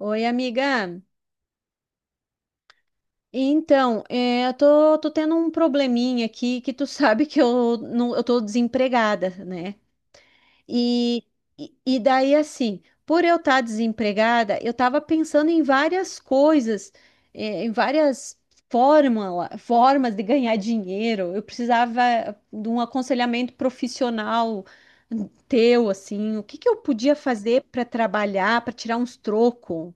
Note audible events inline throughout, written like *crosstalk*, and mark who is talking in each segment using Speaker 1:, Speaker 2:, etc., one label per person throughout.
Speaker 1: Oi, amiga. Então, eu tô tendo um probleminha aqui que tu *laughs* sabe que eu, não, eu tô desempregada, né? E, e daí, assim, por eu estar desempregada, eu tava pensando em várias coisas, em várias formas de ganhar dinheiro. Eu precisava de um aconselhamento profissional teu, assim, o que que eu podia fazer para trabalhar, para tirar uns trocos?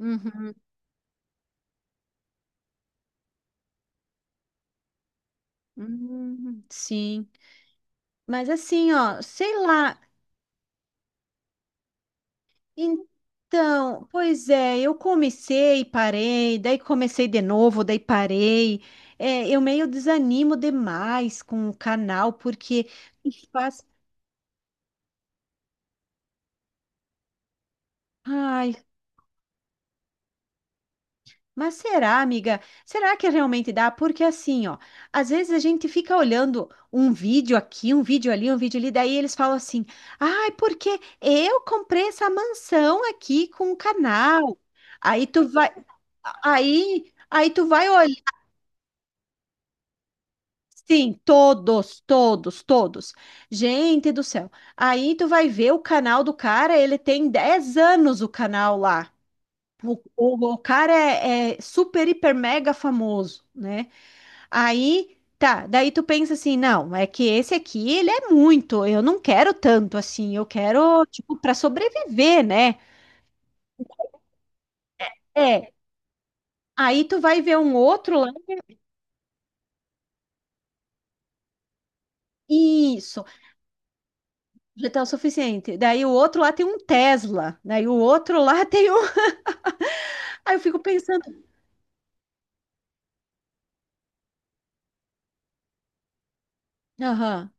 Speaker 1: Hum. Sim. Mas assim, ó, sei lá. Então, pois é, eu comecei, parei, daí comecei de novo, daí parei. É, eu meio desanimo demais com o canal, porque faz. Ai, mas será, amiga? Será que realmente dá? Porque assim, ó, às vezes a gente fica olhando um vídeo aqui, um vídeo ali, daí eles falam assim: "Ai, porque eu comprei essa mansão aqui com o canal". Aí tu vai, aí tu vai olhar, sim, todos, todos, todos. Gente do céu. Aí tu vai ver o canal do cara, ele tem 10 anos o canal lá. O cara é, super, hiper, mega famoso, né? Aí, tá, daí tu pensa assim, não, é que esse aqui, ele é muito, eu não quero tanto assim, eu quero, tipo, para sobreviver, né? É. Aí tu vai ver um outro lá, isso, já tá o suficiente. Daí o outro lá tem um Tesla, daí o outro lá tem um. *laughs* Aí eu fico pensando, aham,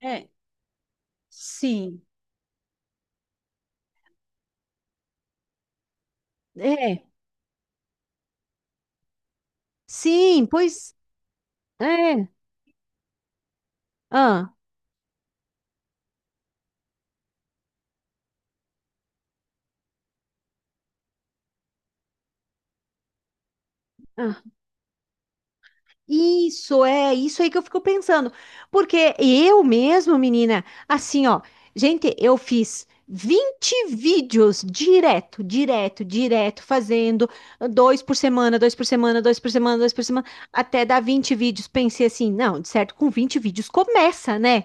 Speaker 1: é, sim, é, sim, pois, é, ah, ah. Isso é, isso aí que eu fico pensando. Porque eu mesmo, menina, assim, ó, gente, eu fiz 20 vídeos direto, direto, direto, fazendo 2 por semana, 2 por semana, 2 por semana, dois por semana, até dar 20 vídeos. Pensei assim, não, de certo, com 20 vídeos começa, né?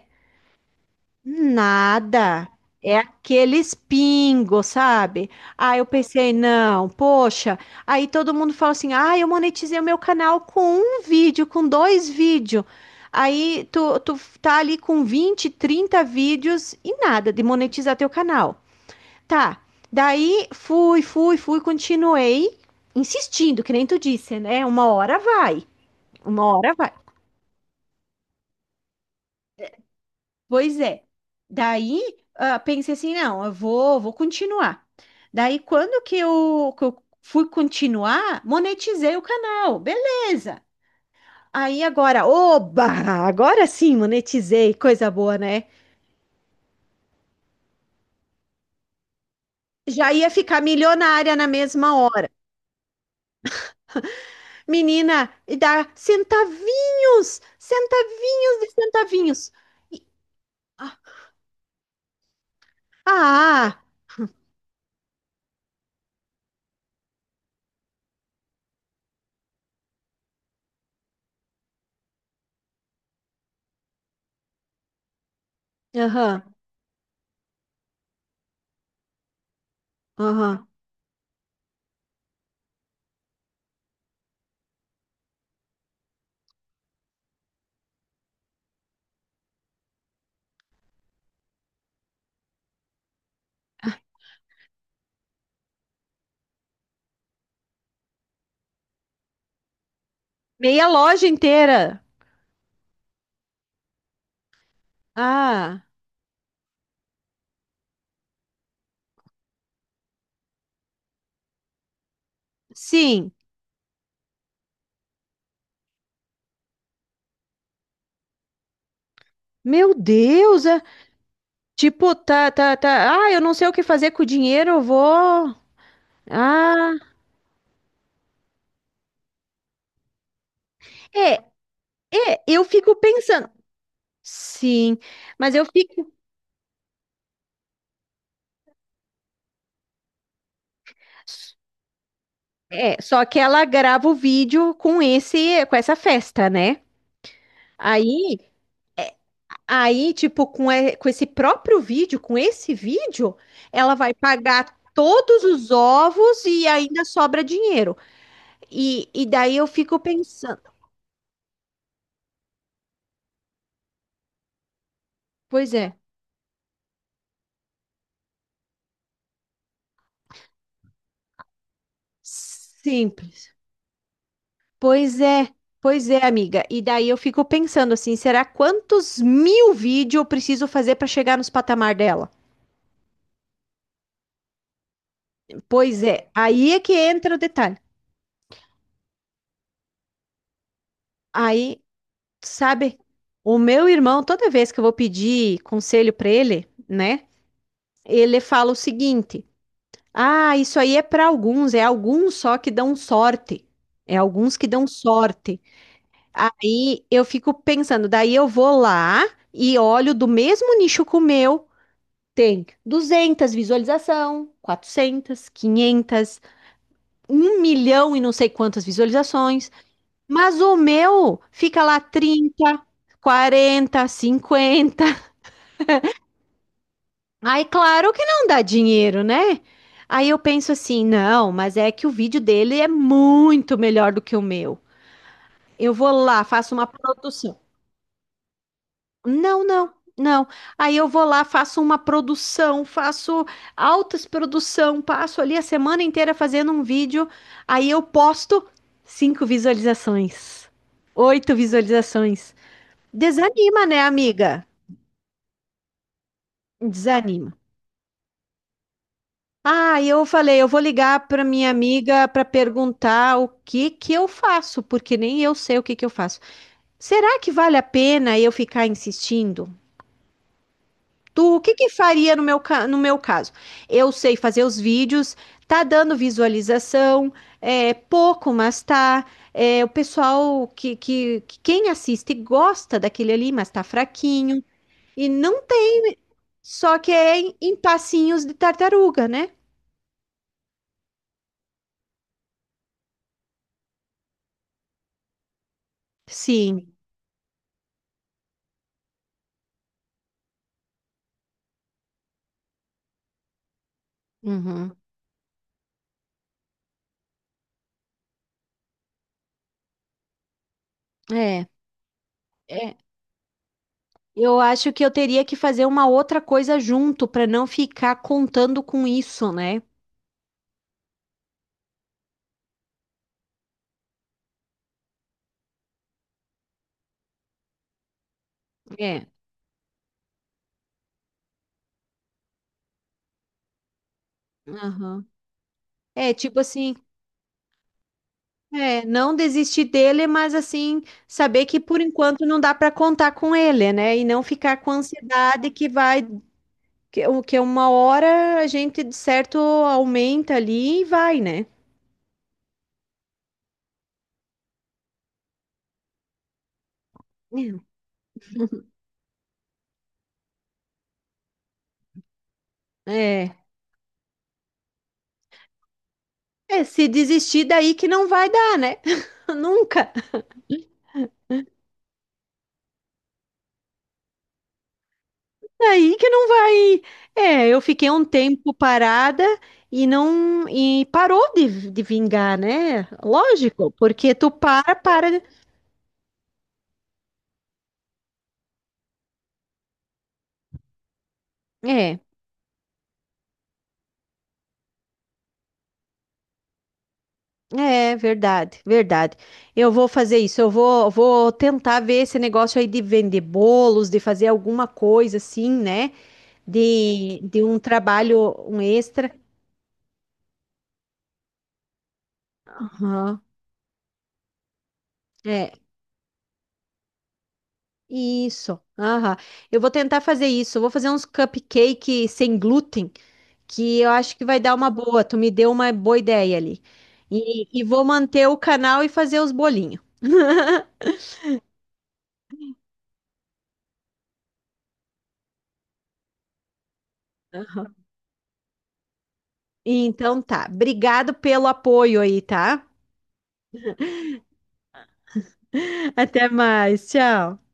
Speaker 1: Nada. É aqueles pingos, sabe? Aí eu pensei, não, poxa. Aí todo mundo fala assim: ah, eu monetizei o meu canal com um vídeo, com dois vídeos. Aí tu tá ali com 20 30 vídeos e nada de monetizar teu canal. Tá. Daí fui, continuei insistindo, que nem tu disse, né? Uma hora vai. Uma hora vai. Pois é. Daí, ah, pensei assim, não, eu vou continuar. Daí, quando que eu fui continuar, monetizei o canal, beleza. Aí agora, oba, agora sim monetizei, coisa boa, né? Já ia ficar milionária na mesma hora. Menina, e dá centavinhos, centavinhos de centavinhos. Ah, aham, aham. Meia loja inteira. Ah, sim. Meu Deus, é- Tipo, tá, tá, tá. Ah, eu não sei o que fazer com o dinheiro, eu vou. Ah, é, é, eu fico pensando. Sim, mas eu fico. É, só que ela grava o vídeo com esse, com essa festa, né? Aí, aí, tipo, com esse próprio vídeo, com esse vídeo, ela vai pagar todos os ovos e ainda sobra dinheiro. E daí eu fico pensando, pois é, simples. Pois é, pois é, amiga. E daí eu fico pensando assim, será quantos mil vídeos eu preciso fazer para chegar nos patamar dela? Pois é, aí é que entra o detalhe. Aí, sabe, o meu irmão, toda vez que eu vou pedir conselho para ele, né, ele fala o seguinte: ah, isso aí é para alguns, é alguns só que dão sorte. É alguns que dão sorte. Aí eu fico pensando, daí eu vou lá e olho do mesmo nicho que o meu tem 200 visualização, 400 500 1 milhão e não sei quantas visualizações, mas o meu fica lá 30 40 50. Aí, claro que não dá dinheiro, né? Aí eu penso assim, não, mas é que o vídeo dele é muito melhor do que o meu. Eu vou lá, faço uma produção. Não, não, não. Aí eu vou lá, faço uma produção, faço altas produção, passo ali a semana inteira fazendo um vídeo, aí eu posto cinco visualizações, oito visualizações. Desanima, né, amiga? Desanima. Ah, eu falei, eu vou ligar para minha amiga para perguntar o que que eu faço, porque nem eu sei o que que eu faço. Será que vale a pena eu ficar insistindo? Tu, o que que faria no meu caso? Eu sei fazer os vídeos, tá dando visualização, é pouco, mas tá. É, o pessoal que quem assiste gosta daquele ali, mas tá fraquinho. E não tem, só que é em passinhos de tartaruga, né? Sim. Uhum. É, é. Eu acho que eu teria que fazer uma outra coisa junto para não ficar contando com isso, né? É. Aham. É, tipo assim. É, não desistir dele, mas assim, saber que por enquanto não dá para contar com ele, né? E não ficar com ansiedade que vai, que uma hora a gente de certo aumenta ali e vai, né? É, é, se desistir daí que não vai dar, né? *laughs* Nunca. Daí que não vai. É, eu fiquei um tempo parada e não e parou de vingar, né? Lógico, porque tu para, para. É. É verdade, verdade. Eu vou fazer isso. Eu vou tentar ver esse negócio aí de vender bolos, de fazer alguma coisa assim, né? De um trabalho, um extra. Aham. É, isso. Aham. Eu vou tentar fazer isso. Eu vou fazer uns cupcake sem glúten, que eu acho que vai dar uma boa. Tu me deu uma boa ideia ali. E vou manter o canal e fazer os bolinhos. Então tá. Obrigado pelo apoio aí, tá? *laughs* Até mais. Tchau.